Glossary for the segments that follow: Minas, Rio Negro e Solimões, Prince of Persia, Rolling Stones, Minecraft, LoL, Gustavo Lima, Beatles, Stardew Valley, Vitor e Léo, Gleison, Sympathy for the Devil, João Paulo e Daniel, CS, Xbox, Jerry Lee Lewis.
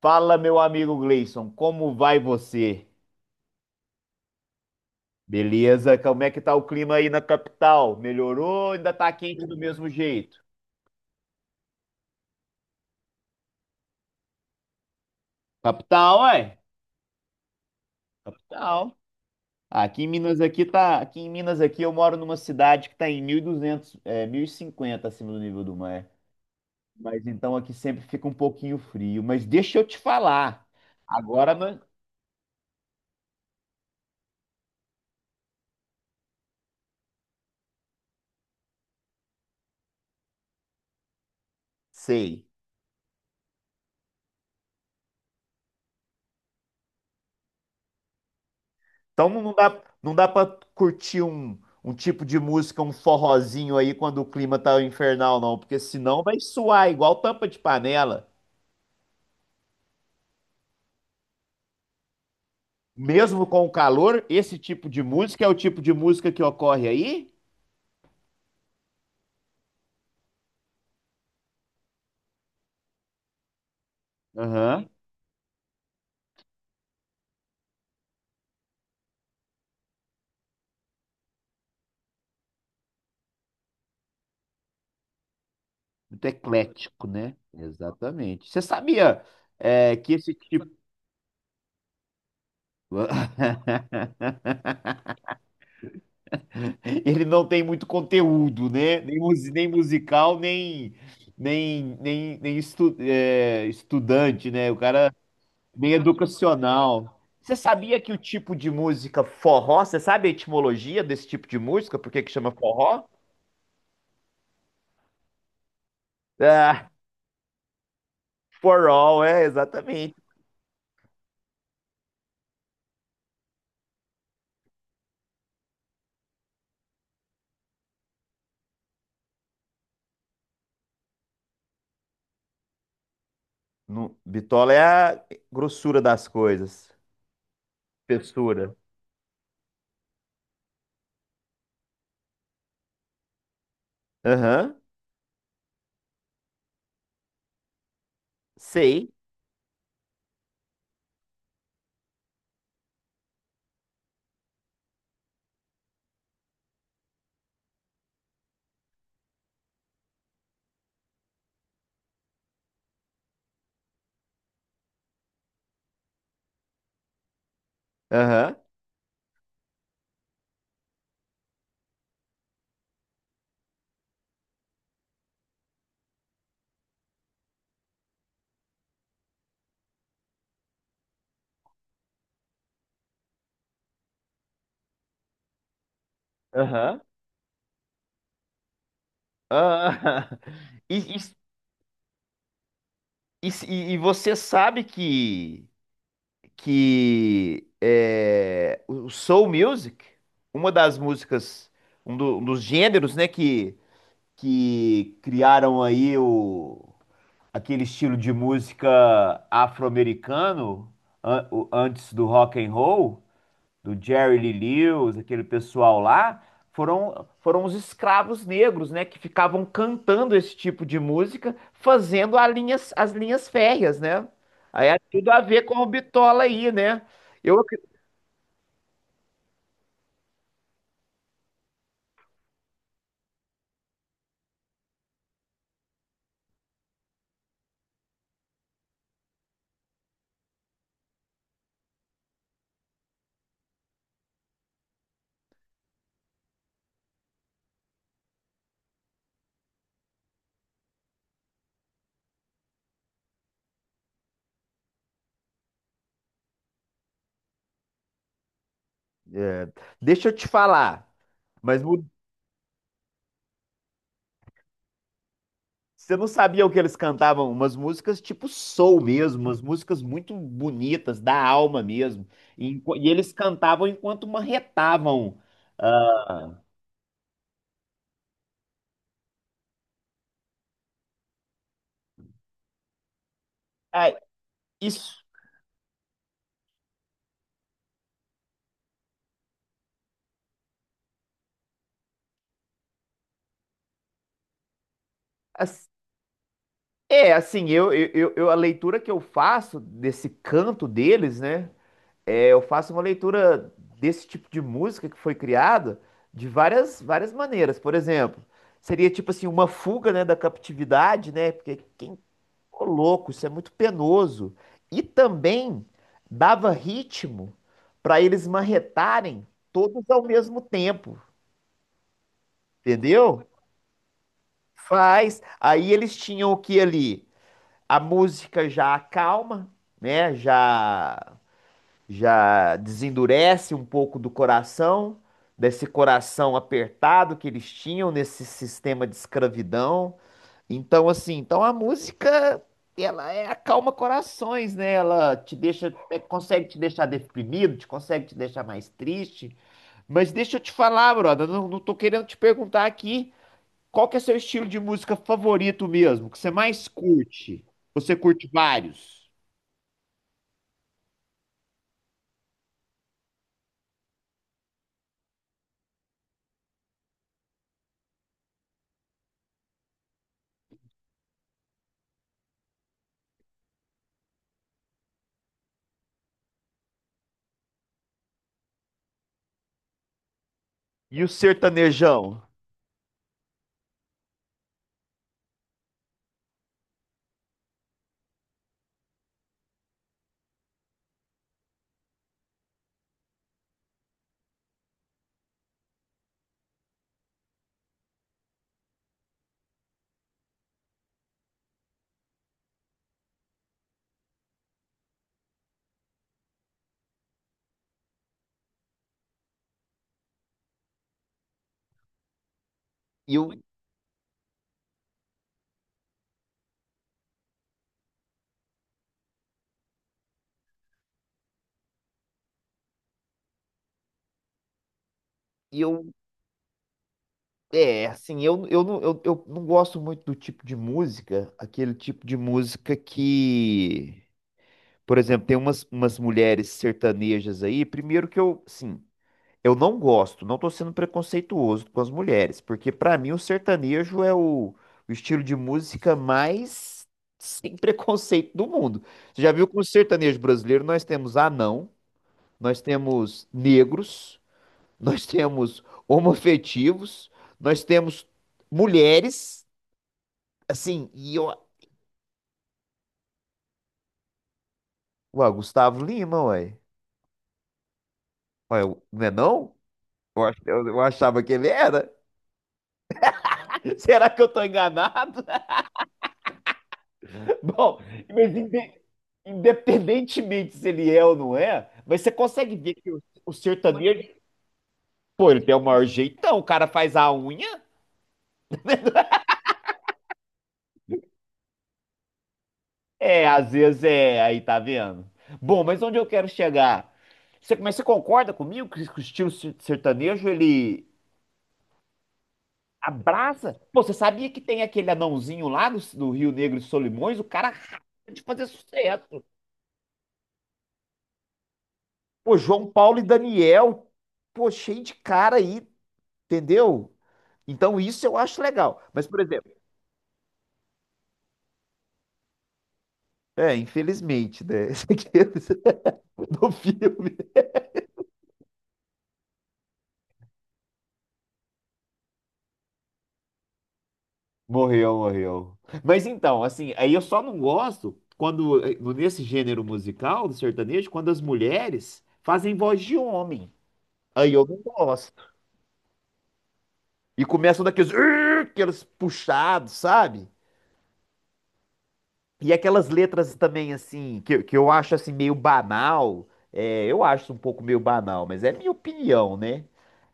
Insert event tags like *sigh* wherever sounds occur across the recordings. Fala, meu amigo Gleison, como vai você? Beleza? Como é que tá o clima aí na capital? Melhorou ou ainda tá quente do mesmo jeito? Capital, ué? Capital. Aqui em Minas aqui tá, aqui em Minas aqui eu moro numa cidade que tá em 1200, é, 1050 acima do nível do mar. Mas então aqui sempre fica um pouquinho frio, mas deixa eu te falar. Agora, não sei. Então não dá para curtir um, um tipo de música, um forrozinho aí quando o clima tá infernal, não, porque senão vai suar igual tampa de panela. Mesmo com o calor, esse tipo de música é o tipo de música que ocorre aí? Aham. Muito eclético, né? Exatamente. Você sabia, é, que esse tipo. *laughs* Ele não tem muito conteúdo, né? Nem, nem musical, nem, nem, nem, estudante, né? O cara. Meio educacional. Você sabia que o tipo de música forró, você sabe a etimologia desse tipo de música? Por que que chama forró? Ah, forró, é, exatamente. No, bitola é a grossura das coisas. Espessura. Aham, sei. Aham, aham, aham. *laughs* E, e você sabe que é, o soul music, uma das músicas, um dos gêneros, né, que criaram aí o, aquele estilo de música afro-americano antes do rock and roll, do Jerry Lee Lewis, aquele pessoal lá, foram os escravos negros, né, que ficavam cantando esse tipo de música, fazendo as linhas férreas, né? Aí é tudo a ver com o Bitola aí, né? Eu, ac- é, Deixa eu te falar, mas você não sabia o que eles cantavam? Umas músicas tipo soul mesmo, umas músicas muito bonitas, da alma mesmo. E, e eles cantavam enquanto marretavam. Ah, ah, isso, as- assim, a leitura que eu faço desse canto deles, né? É, eu faço uma leitura desse tipo de música que foi criada de várias, várias maneiras. Por exemplo, seria tipo assim, uma fuga, né, da captividade, né? Porque quem... Ô, louco, isso é muito penoso. E também dava ritmo para eles marretarem todos ao mesmo tempo, entendeu? Faz. Aí eles tinham o que ali? A música já acalma, né? Já já desendurece um pouco do coração, desse coração apertado que eles tinham nesse sistema de escravidão. Então, assim, então a música, ela é acalma corações, né? Ela te deixa, é, consegue te deixar deprimido, te consegue te deixar mais triste. Mas deixa eu te falar, brother, não, não tô querendo te perguntar aqui qual que é seu estilo de música favorito mesmo, que você mais curte. Você curte vários. E o sertanejão? E eu, e eu, assim, eu não gosto muito do tipo de música, aquele tipo de música que... Por exemplo, tem umas, umas mulheres sertanejas aí. Primeiro que eu, sim, eu não gosto, não tô sendo preconceituoso com as mulheres, porque pra mim o sertanejo é o estilo de música mais sem *laughs* preconceito do mundo. Você já viu que no sertanejo brasileiro nós temos anão, nós temos negros, nós temos homoafetivos, nós temos mulheres, assim, e eu... Ué, Gustavo Lima, ué. Ué, não é não? Eu, eu achava que ele era. Será que eu tô enganado? *laughs* Bom, mas independentemente se ele é ou não é, mas você consegue ver que o sertanejo, pô, ele tem o maior jeitão, o cara faz a unha. É, às vezes é, aí tá vendo? Bom, mas onde eu quero chegar? Você, mas você concorda comigo que o estilo sertanejo, ele abraça? Pô, você sabia que tem aquele anãozinho lá do, do Rio Negro e Solimões? O cara de fazer sucesso. Pô, João Paulo e Daniel, pô, cheio de cara aí. Entendeu? Então isso eu acho legal. Mas, por exemplo, é, infelizmente, né? *laughs* Esse aqui é do filme. Morreu, morreu. Mas então, assim, aí eu só não gosto quando, nesse gênero musical do sertanejo, quando as mulheres fazem voz de homem. Aí eu não gosto. E começam daqueles, "Ur", aqueles puxados, sabe? E aquelas letras também, assim, que eu acho, assim, meio banal. É, eu acho um pouco meio banal, mas é minha opinião, né?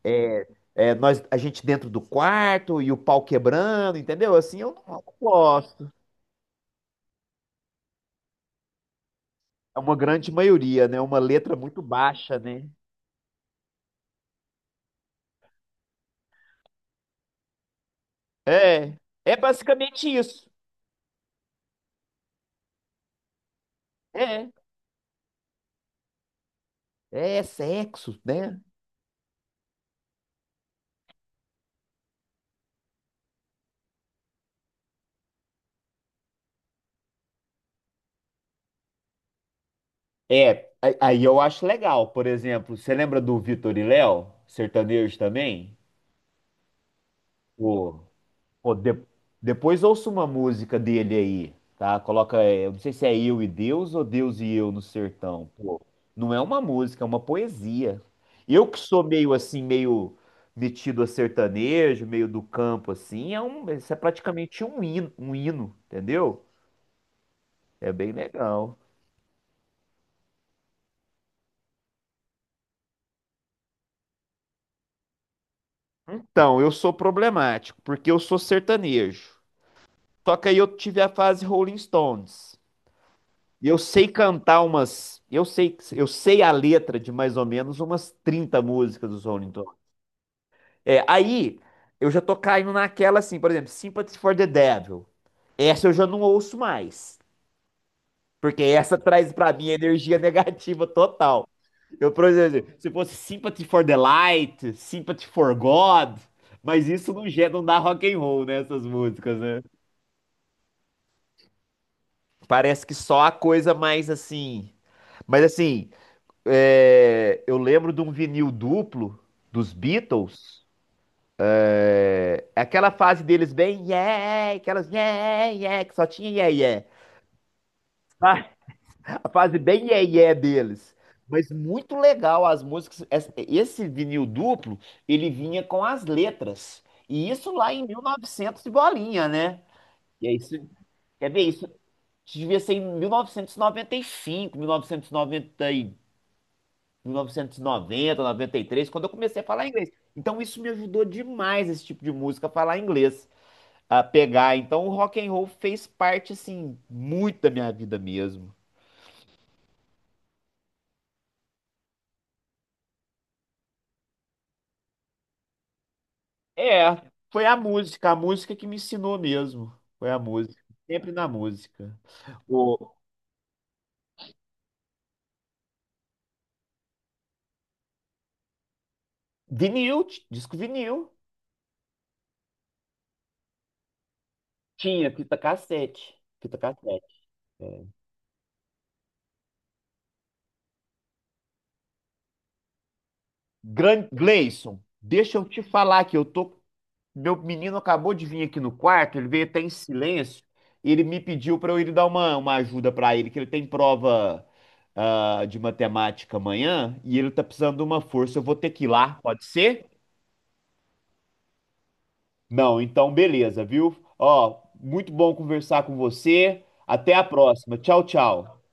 É, é, nós, a gente dentro do quarto e o pau quebrando, entendeu? Assim, eu não gosto. É uma grande maioria, né? Uma letra muito baixa, né? É, é basicamente isso. É, é sexo, né? É, a- aí eu acho legal. Por exemplo, você lembra do Vitor e Léo, sertanejo também? Pô, pô, depois ouça uma música dele aí, tá? Coloca, é, eu não sei se é Eu e Deus ou Deus e Eu no Sertão. Pô, não é uma música, é uma poesia. Eu que sou meio assim, meio metido a sertanejo, meio do campo assim, é um, isso é praticamente um hino, entendeu? É bem legal. Então, eu sou problemático, porque eu sou sertanejo. Só que aí eu tive a fase Rolling Stones. E eu sei cantar umas, eu sei a letra de mais ou menos umas 30 músicas dos Rolling Stones. É, aí eu já tô caindo naquela assim, por exemplo, Sympathy for the Devil. Essa eu já não ouço mais, porque essa traz pra mim energia *laughs* negativa total. Eu, por exemplo, se fosse Sympathy for the Light, Sympathy for God, mas isso não gera, não dá rock and roll, né, essas músicas, né? Parece que só a coisa mais assim, mas assim, é, eu lembro de um vinil duplo dos Beatles. É, aquela fase deles bem yeah, aquelas yeah, yeah, que só tinha yeah, yeah. A fase bem yeah, yeah deles. Mas muito legal as músicas. Esse vinil duplo, ele vinha com as letras. E isso lá em 1900 e novecentos e bolinha, né? E é isso, quer ver isso? Devia ser em 1995, 1990 e noventa e cinco, mil novecentos e noventa e 1990, 93, quando eu comecei a falar inglês. Então isso me ajudou demais, esse tipo de música, a falar inglês, a pegar. Então o rock and roll fez parte, assim, muito da minha vida mesmo. É, foi a música que me ensinou mesmo. Foi a música, sempre na música. O vinil, disco vinil, tinha fita cassete, fita cassete. Gleison, deixa eu te falar que eu tô... Meu menino acabou de vir aqui no quarto, ele veio até em silêncio. Ele me pediu para eu ir dar uma ajuda para ele, que ele tem prova, ah, de matemática amanhã e ele tá precisando de uma força. Eu vou ter que ir lá, pode ser? Não, então beleza, viu? Ó, muito bom conversar com você. Até a próxima. Tchau, tchau.